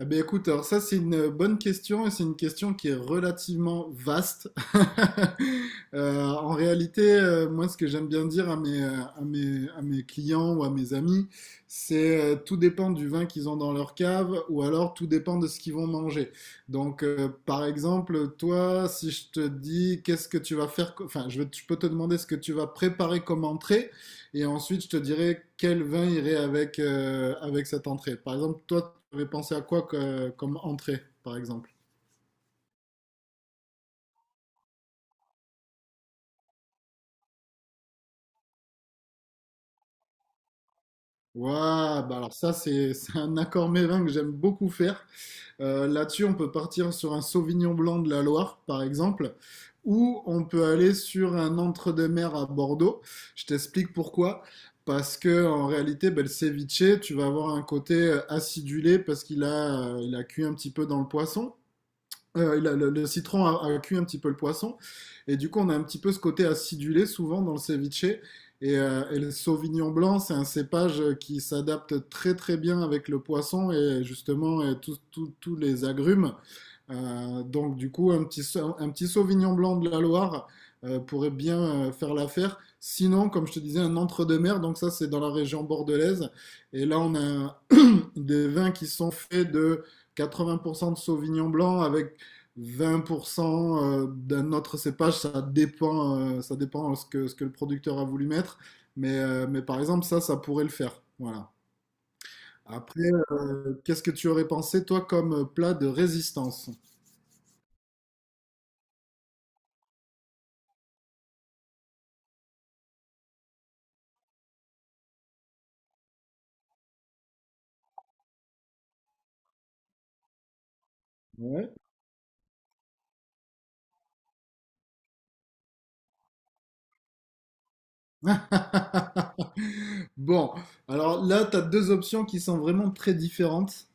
Eh ben, écoute, alors ça c'est une bonne question et c'est une question qui est relativement vaste. En réalité, moi ce que j'aime bien dire à mes, à mes clients ou à mes amis, c'est tout dépend du vin qu'ils ont dans leur cave ou alors tout dépend de ce qu'ils vont manger. Donc par exemple, toi, si je te dis qu'est-ce que tu vas faire, enfin je peux te demander ce que tu vas préparer comme entrée et ensuite je te dirai quel vin irait avec cette entrée. Par exemple, toi vous avez pensé à quoi comme entrée, par exemple? Waouh, bah alors ça, c'est c'est un accord mévin que j'aime beaucoup faire. Là-dessus, on peut partir sur un Sauvignon blanc de la Loire, par exemple, ou on peut aller sur un entre-deux-mers à Bordeaux. Je t'explique pourquoi. Parce que en réalité, bah, le ceviche, tu vas avoir un côté acidulé parce qu'il a cuit un petit peu dans le poisson. Il le, citron a cuit un petit peu le poisson. Et du coup, on a un petit peu ce côté acidulé souvent dans le ceviche. Et le sauvignon blanc, c'est un cépage qui s'adapte très très bien avec le poisson et justement et tous les agrumes. Donc du coup, un petit Sauvignon blanc de la Loire pourrait bien faire l'affaire. Sinon, comme je te disais, un entre-deux-mer, donc ça c'est dans la région bordelaise. Et là, on a des vins qui sont faits de 80% de Sauvignon blanc avec 20% d'un autre cépage. Ça dépend ce que le producteur a voulu mettre. Mais par exemple, ça pourrait le faire. Voilà. Après, qu'est-ce que tu aurais pensé, toi, comme plat de résistance? Bon, alors là, tu as deux options qui sont vraiment très différentes.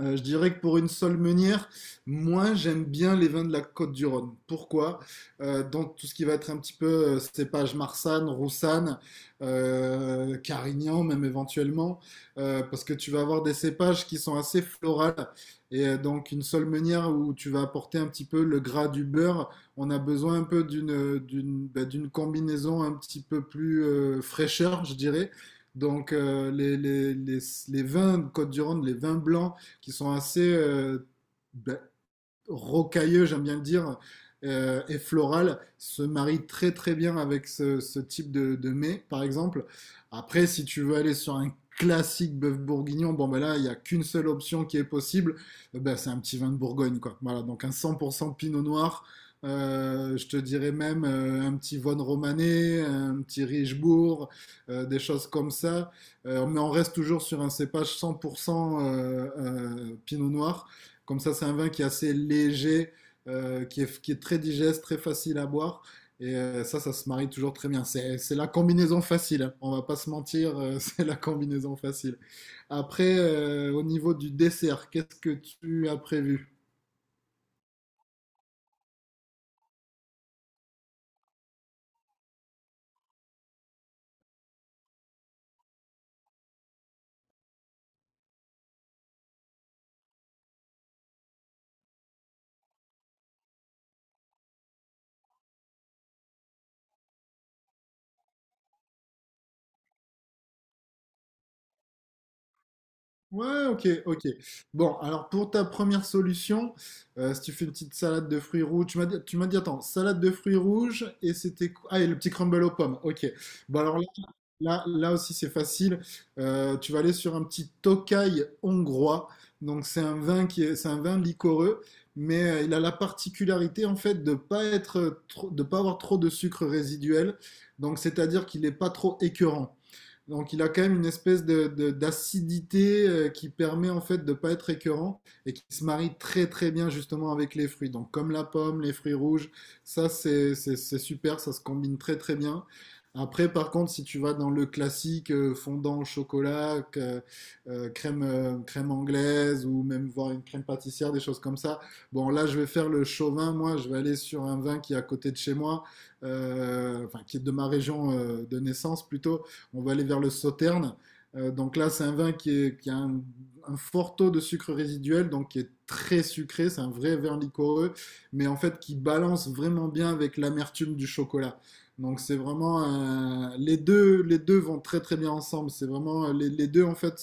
Je dirais que pour une seule meunière, moi j'aime bien les vins de la Côte du Rhône. Pourquoi? Dans tout ce qui va être un petit peu cépage Marsanne, Roussanne, Carignan même éventuellement, parce que tu vas avoir des cépages qui sont assez florales. Et donc une seule meunière où tu vas apporter un petit peu le gras du beurre, on a besoin un peu d'une combinaison un petit peu plus fraîcheur, je dirais. Donc les vins de Côte-du-Rhône, les vins blancs, qui sont assez ben, rocailleux, j'aime bien le dire, et floral se marie très très bien avec ce type de mets, par exemple. Après, si tu veux aller sur un classique bœuf bourguignon, bon ben là, il n'y a qu'une seule option qui est possible, ben, c'est un petit vin de Bourgogne, quoi. Voilà, donc un 100% pinot noir. Je te dirais même un petit Von Romané, un petit Richebourg, des choses comme ça. Mais on reste toujours sur un cépage 100% Pinot Noir. Comme ça, c'est un vin qui est assez léger, qui est très digeste, très facile à boire. Et ça se marie toujours très bien. C'est la combinaison facile. Hein. On va pas se mentir, c'est la combinaison facile. Après, au niveau du dessert, qu'est-ce que tu as prévu? Ouais, ok, ok. Bon, alors pour ta première solution, si tu fais une petite salade de fruits rouges, tu m'as dit, attends, salade de fruits rouges et c'était quoi? Ah, et le petit crumble aux pommes, ok. Bon, alors là, là aussi c'est facile. Tu vas aller sur un petit Tokay hongrois. Donc c'est un vin liquoreux, mais il a la particularité en fait de pas être, de pas avoir trop de sucre résiduel. Donc c'est-à-dire qu'il n'est pas trop écœurant. Donc il a quand même une espèce d'acidité qui permet en fait de pas être écœurant et qui se marie très très bien justement avec les fruits. Donc comme la pomme, les fruits rouges, ça c'est super, ça se combine très très bien. Après par contre si tu vas dans le classique fondant au chocolat, crème anglaise ou même voir une crème pâtissière, des choses comme ça, bon là je vais faire le chauvin, moi je vais aller sur un vin qui est à côté de chez moi, enfin qui est de ma région de naissance plutôt on va aller vers le sauterne. Donc là, c'est un vin qui a un fort taux de sucre résiduel, donc qui est très sucré. C'est un vrai vin liquoreux, mais en fait qui balance vraiment bien avec l'amertume du chocolat. Donc c'est vraiment les deux vont très très bien ensemble. C'est vraiment les deux en fait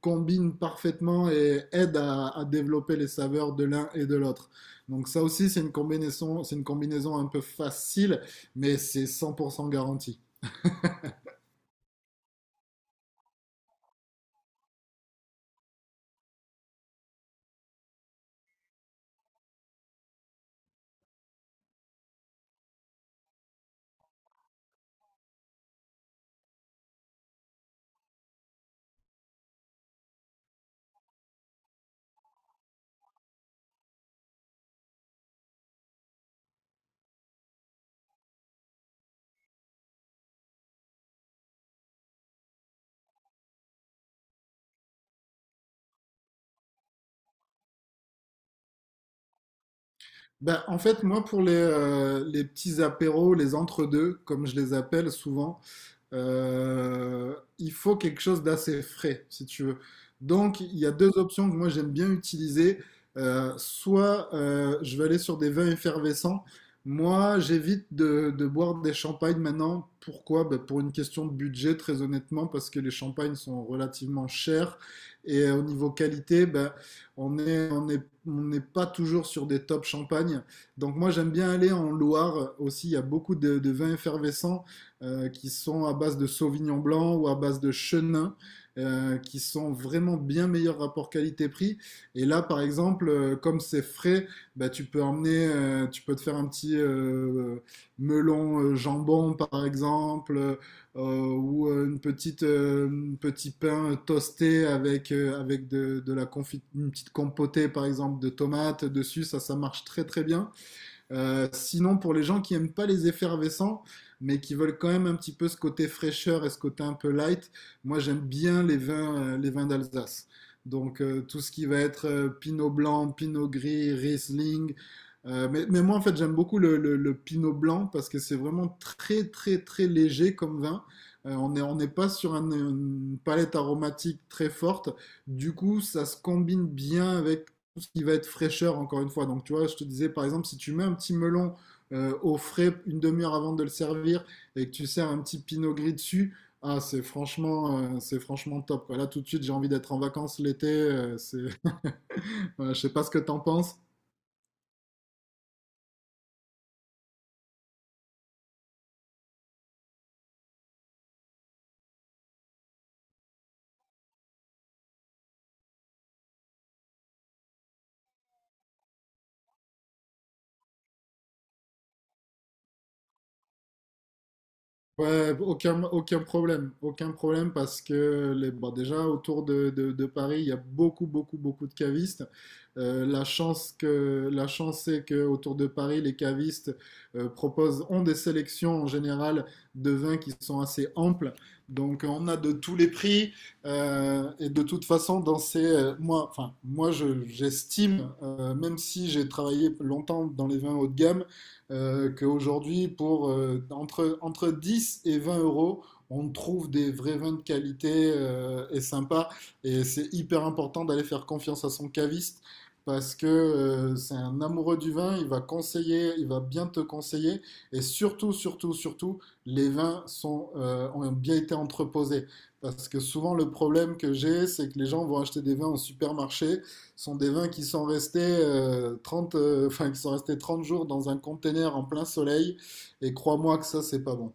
combinent parfaitement et aident à développer les saveurs de l'un et de l'autre. Donc ça aussi, c'est une combinaison un peu facile, mais c'est 100% garanti. Ben, en fait, moi, pour les petits apéros, les entre-deux, comme je les appelle souvent, il faut quelque chose d'assez frais, si tu veux. Donc, il y a deux options que moi j'aime bien utiliser. Soit je vais aller sur des vins effervescents. Moi, j'évite de boire des champagnes maintenant. Pourquoi? Ben, pour une question de budget, très honnêtement, parce que les champagnes sont relativement chers. Et au niveau qualité, ben, on n'est pas toujours sur des top champagnes. Donc moi, j'aime bien aller en Loire aussi. Il y a beaucoup de vins effervescents qui sont à base de Sauvignon blanc ou à base de Chenin, qui sont vraiment bien meilleurs rapport qualité-prix. Et là, par exemple, comme c'est frais, bah, tu peux te faire un petit melon jambon, par exemple. Ou une petite un petit pain toasté avec de la confit une petite compotée par exemple de tomates dessus ça marche très très bien sinon, pour les gens qui aiment pas les effervescents, mais qui veulent quand même un petit peu ce côté fraîcheur et ce côté un peu light, moi j'aime bien les vins d'Alsace. Donc tout ce qui va être Pinot blanc, Pinot gris, Riesling. Mais moi en fait j'aime beaucoup le Pinot blanc parce que c'est vraiment très très très léger comme vin. On n'est pas sur une palette aromatique très forte. Du coup ça se combine bien avec tout ce qui va être fraîcheur, encore une fois. Donc, tu vois, je te disais, par exemple, si tu mets un petit melon au frais une demi-heure avant de le servir et que tu sers un petit pinot gris dessus, ah, c'est franchement, top, quoi. Là, tout de suite, j'ai envie d'être en vacances l'été. Voilà, je sais pas ce que t'en penses. Ouais, aucun problème, parce que bon, déjà autour de Paris, il y a beaucoup, beaucoup, beaucoup de cavistes. La la chance c'est que autour de Paris, les cavistes ont des sélections en général de vins qui sont assez amples. Donc on a de tous les prix et de toute façon moi, enfin j'estime, même si j'ai travaillé longtemps dans les vins haut de gamme qu'aujourd'hui, pour entre 10 et 20 euros, on trouve des vrais vins de qualité et sympas. Et c'est hyper important d'aller faire confiance à son caviste parce que c'est un amoureux du vin, il va bien te conseiller, et surtout, surtout, surtout, les vins ont bien été entreposés. Parce que souvent, le problème que j'ai, c'est que les gens vont acheter des vins au supermarché, sont des vins qui sont restés, 30, enfin, qui sont restés 30 jours dans un container en plein soleil. Et crois-moi que ça, c'est pas bon.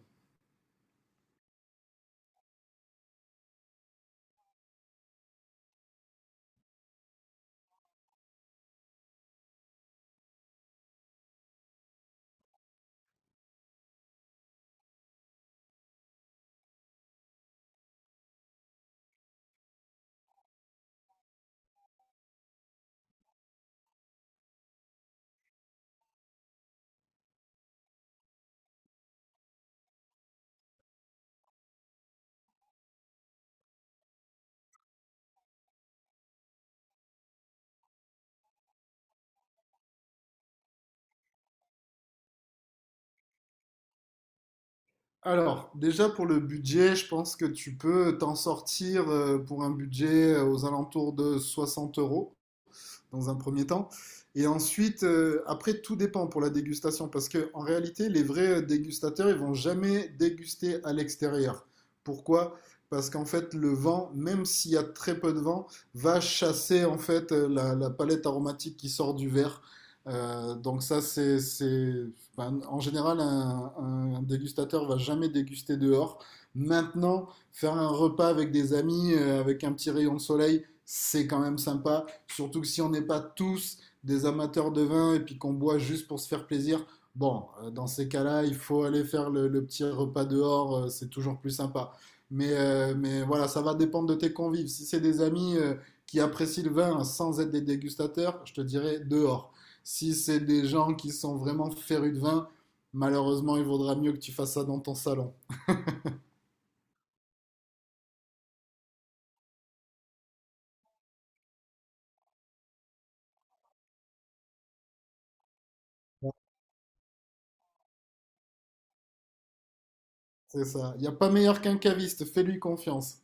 Alors, déjà pour le budget, je pense que tu peux t'en sortir pour un budget aux alentours de 60 euros. Dans un premier temps. Et ensuite, après, tout dépend pour la dégustation, parce que en réalité, les vrais dégustateurs, ils vont jamais déguster à l'extérieur. Pourquoi? Parce qu'en fait, le vent, même s'il y a très peu de vent, va chasser en fait la palette aromatique qui sort du verre. Donc ça, c'est, ben, en général, un dégustateur va jamais déguster dehors. Maintenant, faire un repas avec des amis, avec un petit rayon de soleil, c'est quand même sympa. Surtout que si on n'est pas tous des amateurs de vin et puis qu'on boit juste pour se faire plaisir, bon, dans ces cas-là, il faut aller faire le petit repas dehors, c'est toujours plus sympa. Mais voilà, ça va dépendre de tes convives. Si c'est des amis qui apprécient le vin sans être des dégustateurs, je te dirais dehors. Si c'est des gens qui sont vraiment férus de vin, malheureusement, il vaudra mieux que tu fasses ça dans ton salon. C'est ça. Il n'y a pas meilleur qu'un caviste, fais-lui confiance.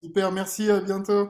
Super, merci, à bientôt.